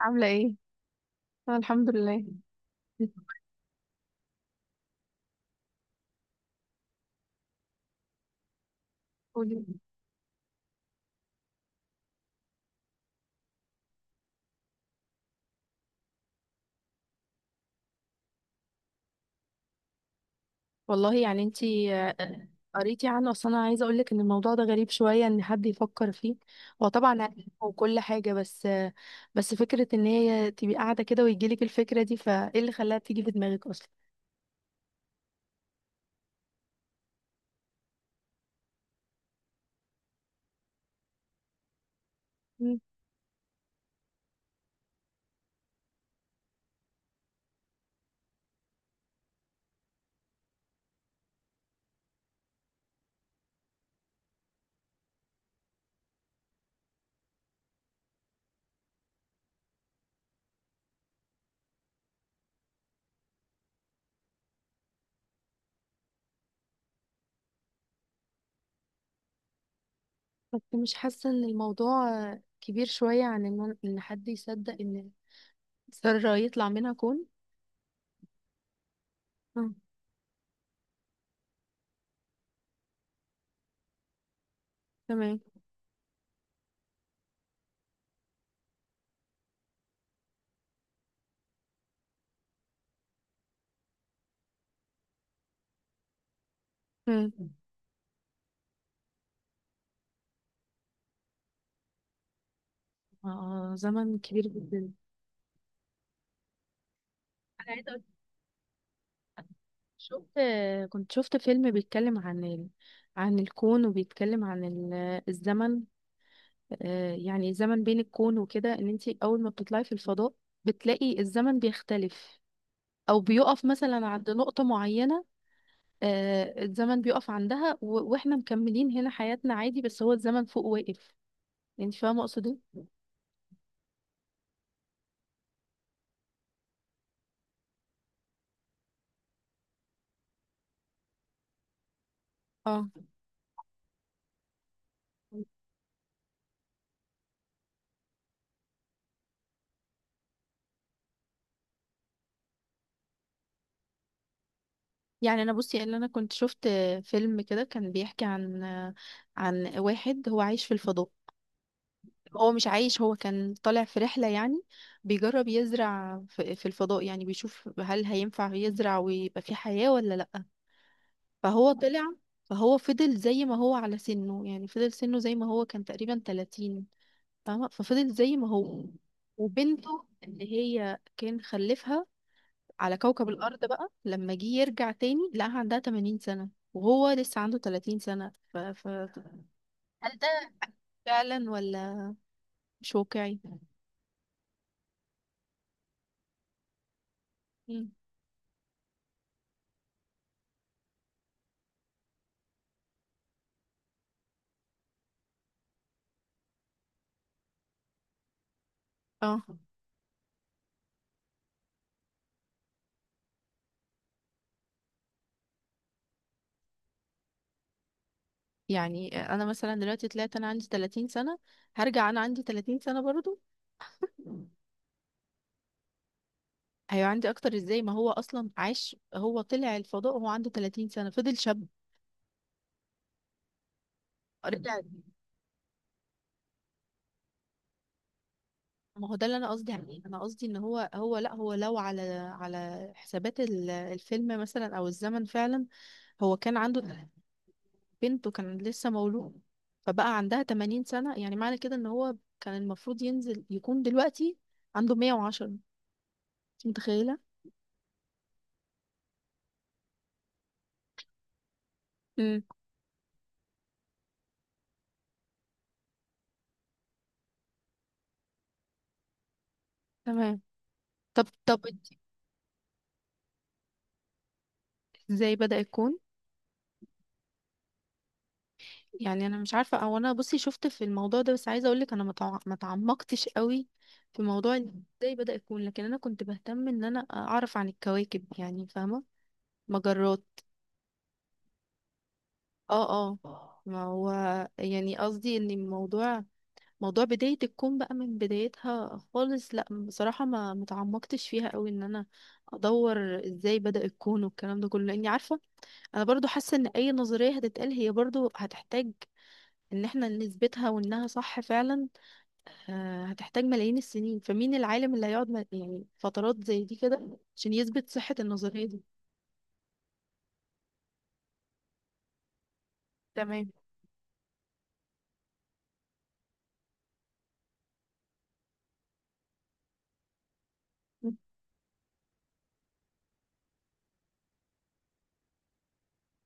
عاملة ايه؟ أنا الحمد لله. قولي. والله يعني انتي قريتي عنه، اصل انا عايزة اقولك ان الموضوع ده غريب شوية ان حد يفكر فيه. هو طبعا علم وكل حاجة، بس بس فكرة ان هي تبقي قاعدة كده ويجيلك الفكرة دي، فايه اللي خلاها تيجي في دماغك اصلا؟ مم. بس مش حاسة ان الموضوع كبير شوية عن ان حد يصدق ان ذرة يطلع منها كون. مم. تمام. مم. آه، زمن كبير جدا. شفت، كنت شفت فيلم بيتكلم عن عن الكون، وبيتكلم عن الزمن. يعني الزمن بين الكون وكده، ان انت اول ما بتطلعي في الفضاء بتلاقي الزمن بيختلف، او بيقف مثلا عند نقطة معينة. الزمن بيقف عندها واحنا مكملين هنا حياتنا عادي، بس هو الزمن فوق واقف. انت فاهمة اقصد ايه؟ اه. يعني انا بصي اللي انا كنت شفت فيلم كده كان بيحكي عن عن واحد هو عايش في الفضاء. هو مش عايش، هو كان طالع في رحلة يعني، بيجرب يزرع في الفضاء، يعني بيشوف هل هينفع يزرع ويبقى في حياة ولا لأ. فهو طلع. فهو فضل زي ما هو على سنه، يعني فضل سنه زي ما هو، كان تقريبا 30. فاهمة؟ ففضل زي ما هو. وبنته اللي هي كان خلفها على كوكب الأرض، بقى لما جه يرجع تاني لقاها عندها 80 سنة وهو لسه عنده 30 سنة هل ده فعلا ولا مش واقعي؟ مم. اه. يعني انا مثلا دلوقتي طلعت انا عندي 30 سنة، هرجع انا عندي 30 سنة برضو؟ هيبقى عندي اكتر ازاي، ما هو اصلا عاش؟ هو طلع الفضاء وهو عنده 30 سنة فضل شاب. رجع. ما هو ده اللي انا قصدي عليه، انا قصدي ان هو هو لا هو لو على على حسابات الفيلم مثلا، او الزمن فعلا، هو كان عنده بنته كان لسه مولود، فبقى عندها 80 سنة. يعني معنى كده ان هو كان المفروض ينزل يكون دلوقتي عنده 110. انت متخيلة؟ امم. تمام. طب انتي ازاي بدأ يكون؟ يعني انا مش عارفه، او انا بصي شفت في الموضوع ده بس عايزه اقول لك انا ما تعمقتش قوي في موضوع ان ازاي بدأ يكون. لكن انا كنت بهتم ان انا اعرف عن الكواكب، يعني فاهمه؟ مجرات. اه اه. ما هو، يعني قصدي ان الموضوع، موضوع بدايه الكون بقى من بدايتها خالص، لا بصراحه ما تعمقتش فيها قوي ان انا ادور ازاي بدأ الكون والكلام ده كله، لاني عارفه انا برضو حاسه ان اي نظريه هتتقال هي برضو هتحتاج ان احنا نثبتها وانها صح فعلا. هتحتاج ملايين السنين، فمين العالم اللي هيقعد يعني فترات زي دي كده عشان يثبت صحة النظرية دي؟ تمام. مم.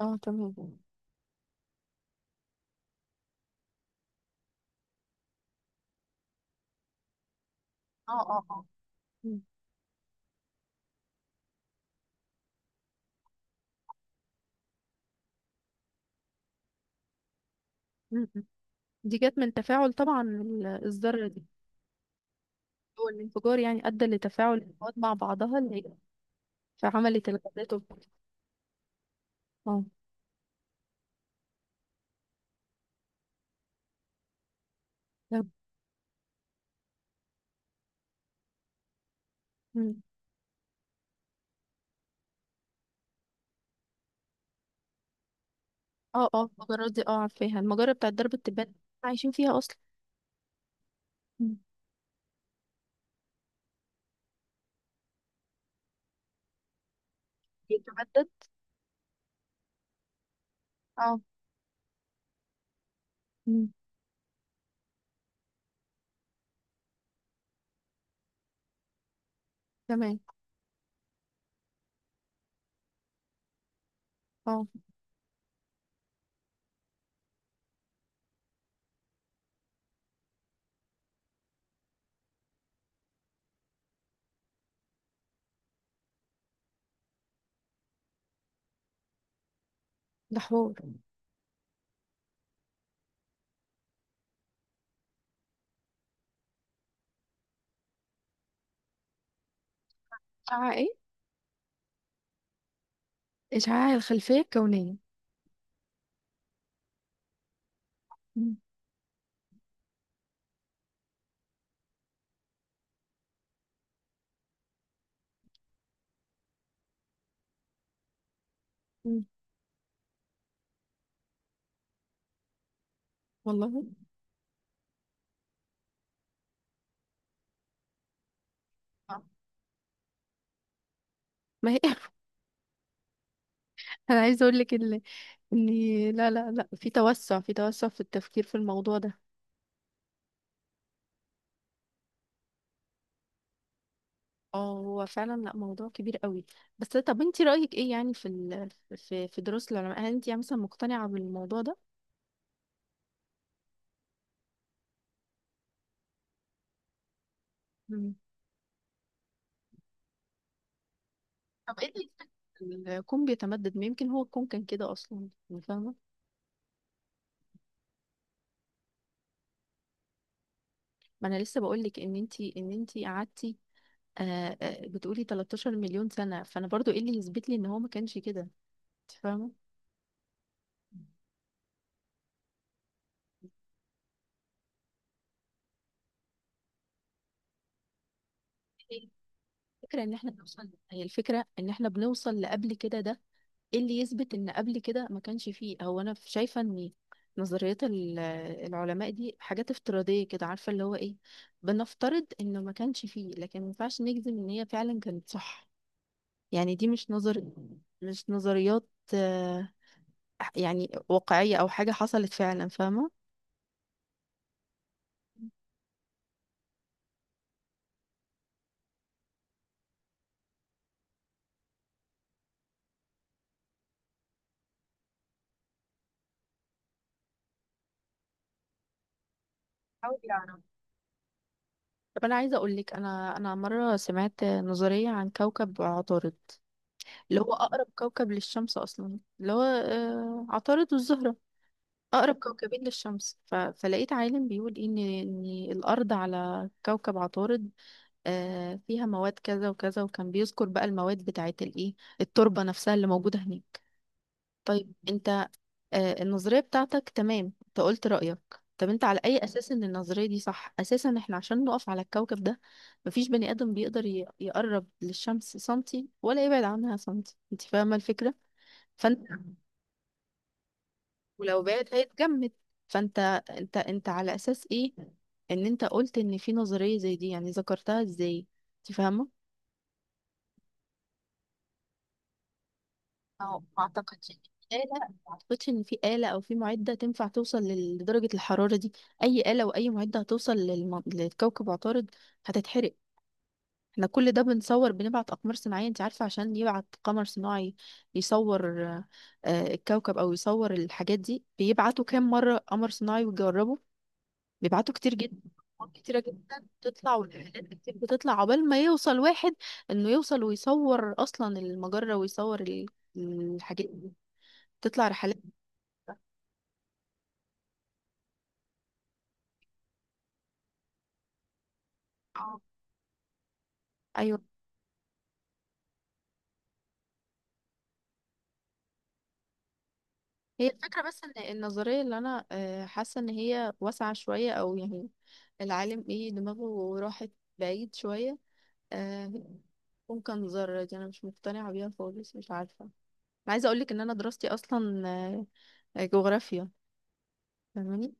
اه تمام اه. اه اه. مم. مم. دي جت من تفاعل طبعا الذرة دي. هو الانفجار يعني ادى لتفاعل المواد مع بعضها اللي هي، فعملت الغازات اه. طب. مم. اه اه. المجرات دي اه عارفاها، المجرة بتاعت درب التبان، عايشين فيها اصلا. مم. بتتمدد. اه. مم. تمام. اه. ده حوار. إشعاع إيه؟ إشعاع الخلفية الكونية. مم. مم. والله. آه. ما هي أنا عايزة أقول لك إن إن لا لا لا، في توسع في التفكير في الموضوع ده. اه، هو فعلا، لا موضوع كبير قوي. بس طب انت رأيك ايه يعني في في دروس العلماء، هل انت يعني مثلا مقتنعة بالموضوع ده؟ مم. طب ايه اللي يخلي الكون بيتمدد، ما يمكن هو الكون كان كده اصلا، يعني فاهمة؟ ما انا لسه بقول لك ان انت قعدتي، بتقولي 13 مليون سنة، فأنا برضو إيه اللي يثبت لي إن هو ما كانش كده؟ أنت فاهمة؟ هي الفكرة إن إحنا بنوصل، هي الفكرة إن إحنا بنوصل لقبل كده ده، إيه اللي يثبت إن قبل كده ما كانش فيه؟ هو أنا شايفة إن نظريات العلماء دي حاجات افتراضية كده، عارفة اللي هو إيه، بنفترض إنه ما كانش فيه، لكن ما ينفعش نجزم إن هي فعلا كانت صح. يعني دي مش نظريات، آه، يعني واقعية أو حاجة حصلت فعلا، فاهمة؟ طب انا عايزه اقول لك، انا مره سمعت نظريه عن كوكب عطارد، اللي هو اقرب كوكب للشمس اصلا، اللي هو عطارد والزهره، اقرب كوكبين للشمس. فلقيت عالم بيقول إيه ان ان الارض على كوكب عطارد، فيها مواد كذا وكذا، وكان بيذكر بقى المواد بتاعت الايه، التربه نفسها اللي موجوده هناك. طيب، انت النظرية بتاعتك تمام، انت قلت رأيك. طب انت على اي اساس ان النظرية دي صح؟ اساسا احنا عشان نقف على الكوكب ده، مفيش بني ادم بيقدر يقرب للشمس سنتي ولا يبعد عنها سنتي. انت فاهمة الفكرة؟ فانت، ولو بعد هيتجمد. فانت، انت على اساس ايه ان انت قلت ان في نظرية زي دي يعني؟ ذكرتها ازاي؟ انت فاهمة؟ اه. ما اعتقدش إن في آلة. ما اعتقدش ان في آلة او في معدة تنفع توصل لدرجة الحرارة دي. اي آلة واي معدة هتوصل لكوكب عطارد هتتحرق. احنا كل ده بنصور، بنبعت اقمار صناعية. انت عارفة عشان يبعت قمر صناعي يصور الكوكب او يصور الحاجات دي بيبعتوا كام مرة قمر صناعي ويجربوا؟ بيبعتوا كتير جدا، أقمار كتيرة جدا بتطلع، والإعلانات كتير بتطلع عقبال ما يوصل واحد إنه يوصل ويصور أصلا المجرة ويصور الحاجات. تطلع رحلات. آه. ايوه، هي الفكره بس ان النظريه، اللي انا حاسه ان هي واسعه شويه، او يعني العالم ايه دماغه راحت بعيد شويه. آه، ممكن ذره دي، انا مش مقتنعه بيها خالص. مش عارفه، أنا عايزه اقولك ان انا دراستي اصلا جغرافيا، فاهماني؟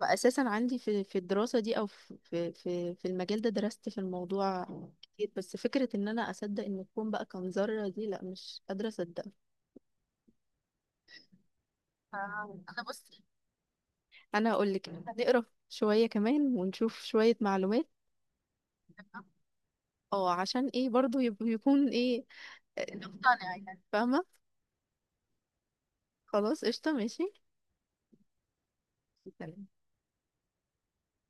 فاساسا عندي في الدراسه دي، او في المجال ده، درست في الموضوع كتير. بس فكره ان انا اصدق ان الكون بقى كان ذره دي، لا مش قادره اصدقها. آه. انا بص، انا اقول لك هنقرا شويه كمان ونشوف شويه معلومات، اه عشان ايه برضو يكون ايه، نقتنع يعني، فاهمه؟ خلاص قشطه، ماشي. سلام.